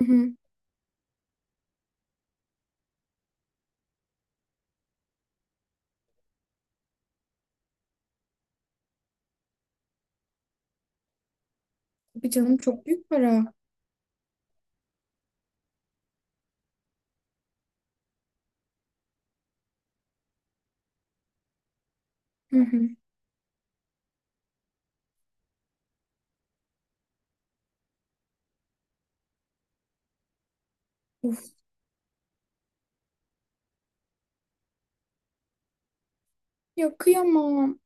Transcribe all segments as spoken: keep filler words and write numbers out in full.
Hı hı. Tabii canım, çok büyük para. Hı hı. Of. Ya kıyamam.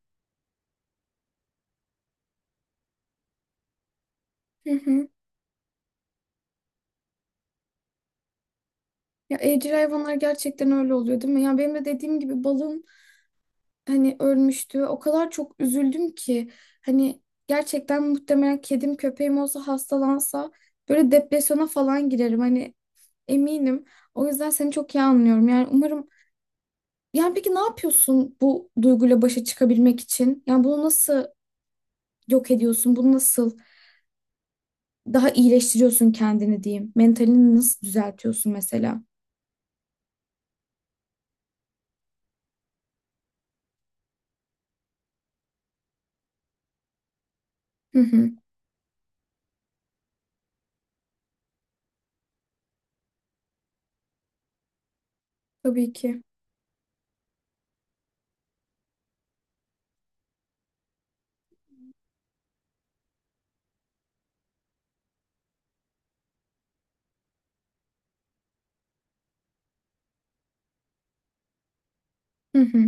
Hı hı. Ya evcil hayvanlar gerçekten öyle oluyor değil mi? Ya benim de dediğim gibi balım hani ölmüştü. O kadar çok üzüldüm ki hani gerçekten muhtemelen kedim köpeğim olsa hastalansa böyle depresyona falan girerim. Hani eminim. O yüzden seni çok iyi anlıyorum. Yani umarım, yani peki ne yapıyorsun bu duyguyla başa çıkabilmek için? Yani bunu nasıl yok ediyorsun? Bunu nasıl daha iyileştiriyorsun kendini diyeyim. Mentalini nasıl düzeltiyorsun mesela? Hı hı. Tabii ki. Hı hı.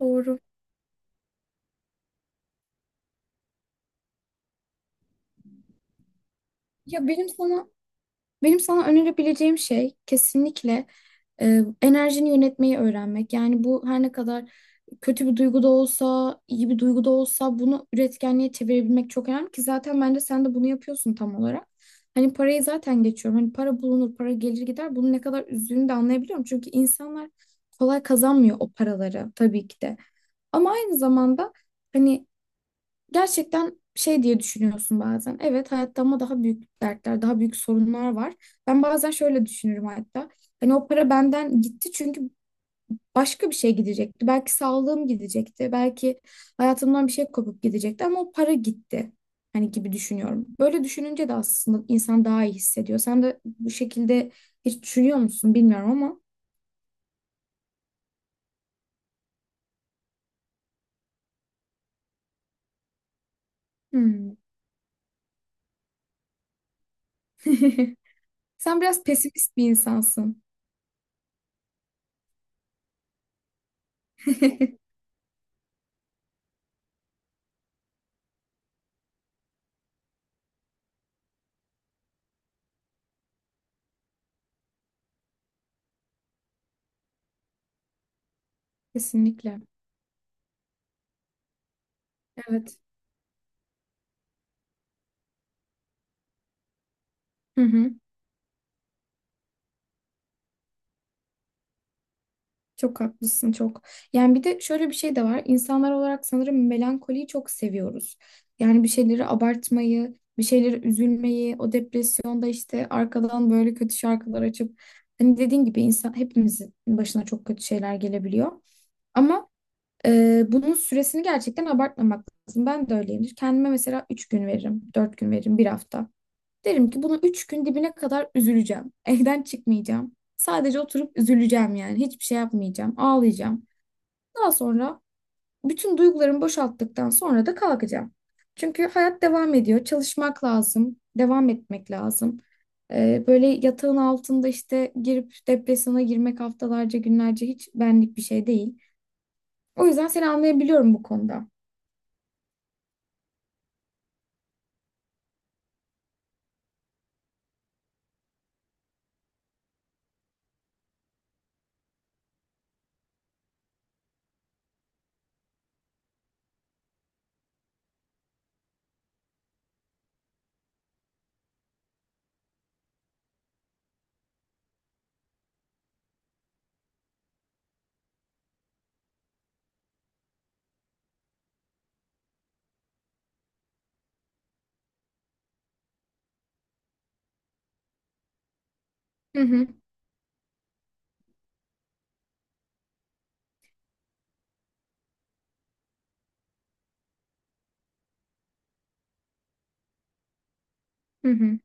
Doğru. Ya benim sana Benim sana önerebileceğim şey kesinlikle e, enerjini yönetmeyi öğrenmek. Yani bu her ne kadar kötü bir duygu da olsa, iyi bir duygu da olsa bunu üretkenliğe çevirebilmek çok önemli ki zaten bence sen de bunu yapıyorsun tam olarak. Hani parayı zaten geçiyorum. Hani para bulunur, para gelir gider. Bunun ne kadar üzdüğünü de anlayabiliyorum. Çünkü insanlar kolay kazanmıyor o paraları tabii ki de. Ama aynı zamanda hani gerçekten şey diye düşünüyorsun bazen. Evet, hayatta ama daha büyük dertler, daha büyük sorunlar var. Ben bazen şöyle düşünürüm hatta. Hani o para benden gitti çünkü başka bir şey gidecekti. Belki sağlığım gidecekti. Belki hayatımdan bir şey kopup gidecekti ama o para gitti. Hani gibi düşünüyorum. Böyle düşününce de aslında insan daha iyi hissediyor. Sen de bu şekilde hiç düşünüyor musun bilmiyorum ama. Hmm. Sen biraz pesimist bir insansın. Kesinlikle. Evet. Hı hı. Çok haklısın, çok. Yani bir de şöyle bir şey de var. İnsanlar olarak sanırım melankoliyi çok seviyoruz. Yani bir şeyleri abartmayı, bir şeyleri üzülmeyi, o depresyonda işte arkadan böyle kötü şarkılar açıp hani dediğin gibi insan, hepimizin başına çok kötü şeyler gelebiliyor. Ama e, bunun süresini gerçekten abartmamak lazım. Ben de öyleyimdir. Kendime mesela üç gün veririm, dört gün veririm, bir hafta. Derim ki bunu üç gün dibine kadar üzüleceğim. Evden çıkmayacağım. Sadece oturup üzüleceğim yani. Hiçbir şey yapmayacağım. Ağlayacağım. Daha sonra bütün duygularımı boşalttıktan sonra da kalkacağım. Çünkü hayat devam ediyor. Çalışmak lazım. Devam etmek lazım. Ee, böyle yatağın altında işte girip depresyona girmek haftalarca, günlerce hiç benlik bir şey değil. O yüzden seni anlayabiliyorum bu konuda. Hı hı, hı hı,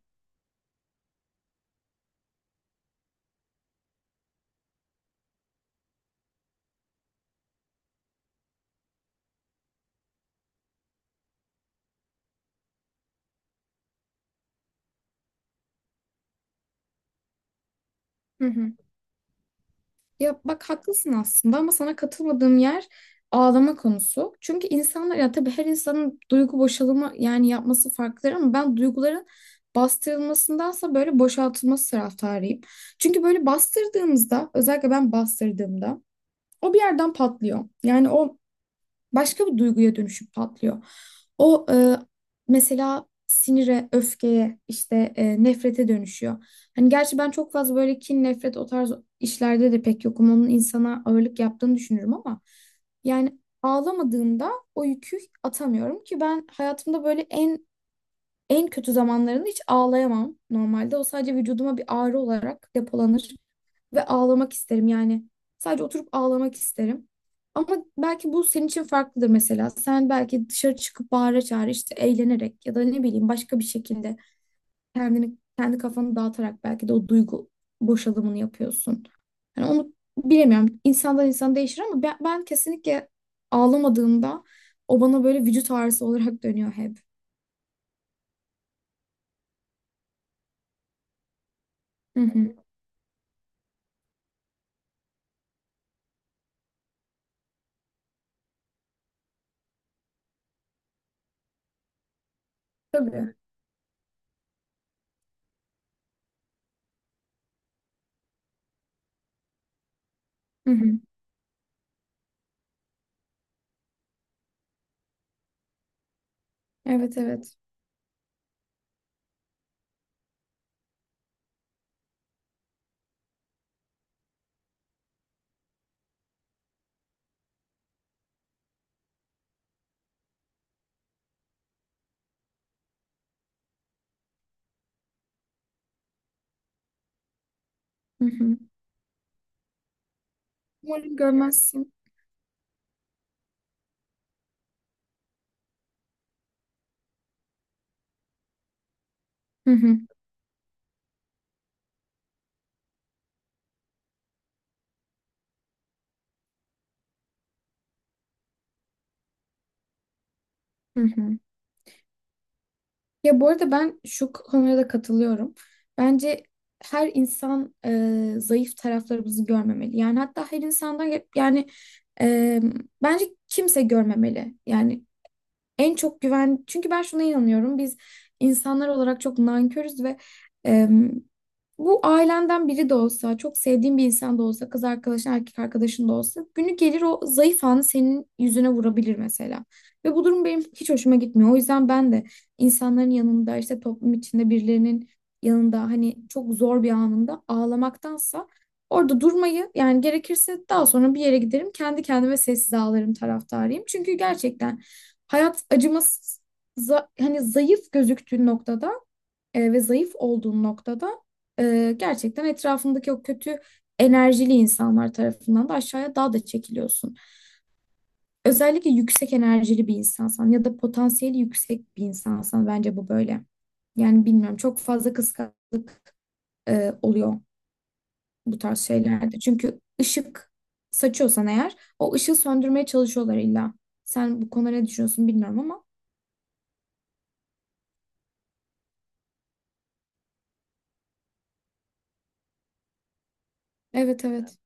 hı hı. Ya bak haklısın aslında ama sana katılmadığım yer ağlama konusu. Çünkü insanlar, ya tabii her insanın duygu boşalımı yani yapması farklıdır ama ben duyguların bastırılmasındansa böyle boşaltılması taraftarıyım. Çünkü böyle bastırdığımızda, özellikle ben bastırdığımda, o bir yerden patlıyor. Yani o başka bir duyguya dönüşüp patlıyor. O e, Mesela sinire, öfkeye, işte e, nefrete dönüşüyor. Hani gerçi ben çok fazla böyle kin, nefret, o tarz işlerde de pek yokum. Onun insana ağırlık yaptığını düşünürüm ama yani ağlamadığımda o yükü atamıyorum ki. Ben hayatımda böyle en en kötü zamanlarında hiç ağlayamam normalde. O sadece vücuduma bir ağrı olarak depolanır ve ağlamak isterim yani. Sadece oturup ağlamak isterim. Ama belki bu senin için farklıdır mesela. Sen belki dışarı çıkıp bağıra çağıra işte eğlenerek ya da ne bileyim başka bir şekilde kendini kendi kafanı dağıtarak belki de o duygu boşalımını yapıyorsun. Yani onu bilemiyorum. İnsandan insan değişir ama ben, ben kesinlikle ağlamadığımda o bana böyle vücut ağrısı olarak dönüyor hep. Hı hı. Tabii. Hı hı. Evet, evet. Hı hı. Umarım görmezsin. Hı hı. Hı hı. Ya bu arada ben şu konuya da katılıyorum. Bence her insan, e, zayıf taraflarımızı görmemeli. Yani hatta her insandan, yani e, bence kimse görmemeli. Yani en çok güven, çünkü ben şuna inanıyorum, biz insanlar olarak çok nankörüz ve em, bu ailenden biri de olsa, çok sevdiğin bir insan da olsa, kız arkadaşın, erkek arkadaşın da olsa, günü gelir o zayıf anı senin yüzüne vurabilir mesela. Ve bu durum benim hiç hoşuma gitmiyor. O yüzden ben de insanların yanında, işte toplum içinde birilerinin yanında hani çok zor bir anında ağlamaktansa orada durmayı, yani gerekirse daha sonra bir yere giderim kendi kendime sessiz ağlarım taraftarıyım. Çünkü gerçekten hayat acımasız. Za- hani zayıf gözüktüğün noktada e, ve zayıf olduğun noktada e, gerçekten etrafındaki o kötü enerjili insanlar tarafından da aşağıya daha da çekiliyorsun. Özellikle yüksek enerjili bir insansan ya da potansiyeli yüksek bir insansan bence bu böyle. Yani bilmiyorum, çok fazla kıskançlık e, oluyor bu tarz şeylerde. Çünkü ışık saçıyorsan eğer, o ışığı söndürmeye çalışıyorlar illa. Sen bu konuda ne düşünüyorsun bilmiyorum ama. Evet, evet.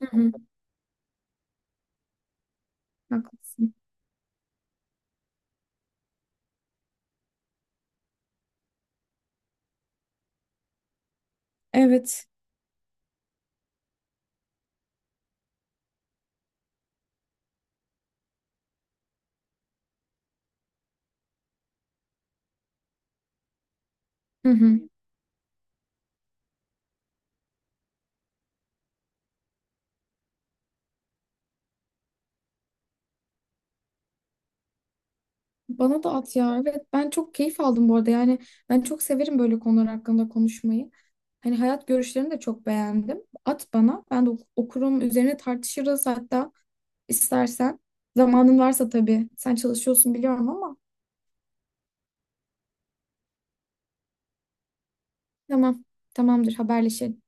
Hı hı. Haklısın. Evet. Hı hı. Bana da at ya. Evet, ben çok keyif aldım bu arada. Yani ben çok severim böyle konular hakkında konuşmayı. Hani hayat görüşlerini de çok beğendim. At bana. Ben de ok- okurum. Üzerine tartışırız hatta istersen. Zamanın varsa tabii. Sen çalışıyorsun biliyorum ama. Tamam. Tamamdır. Haberleşelim.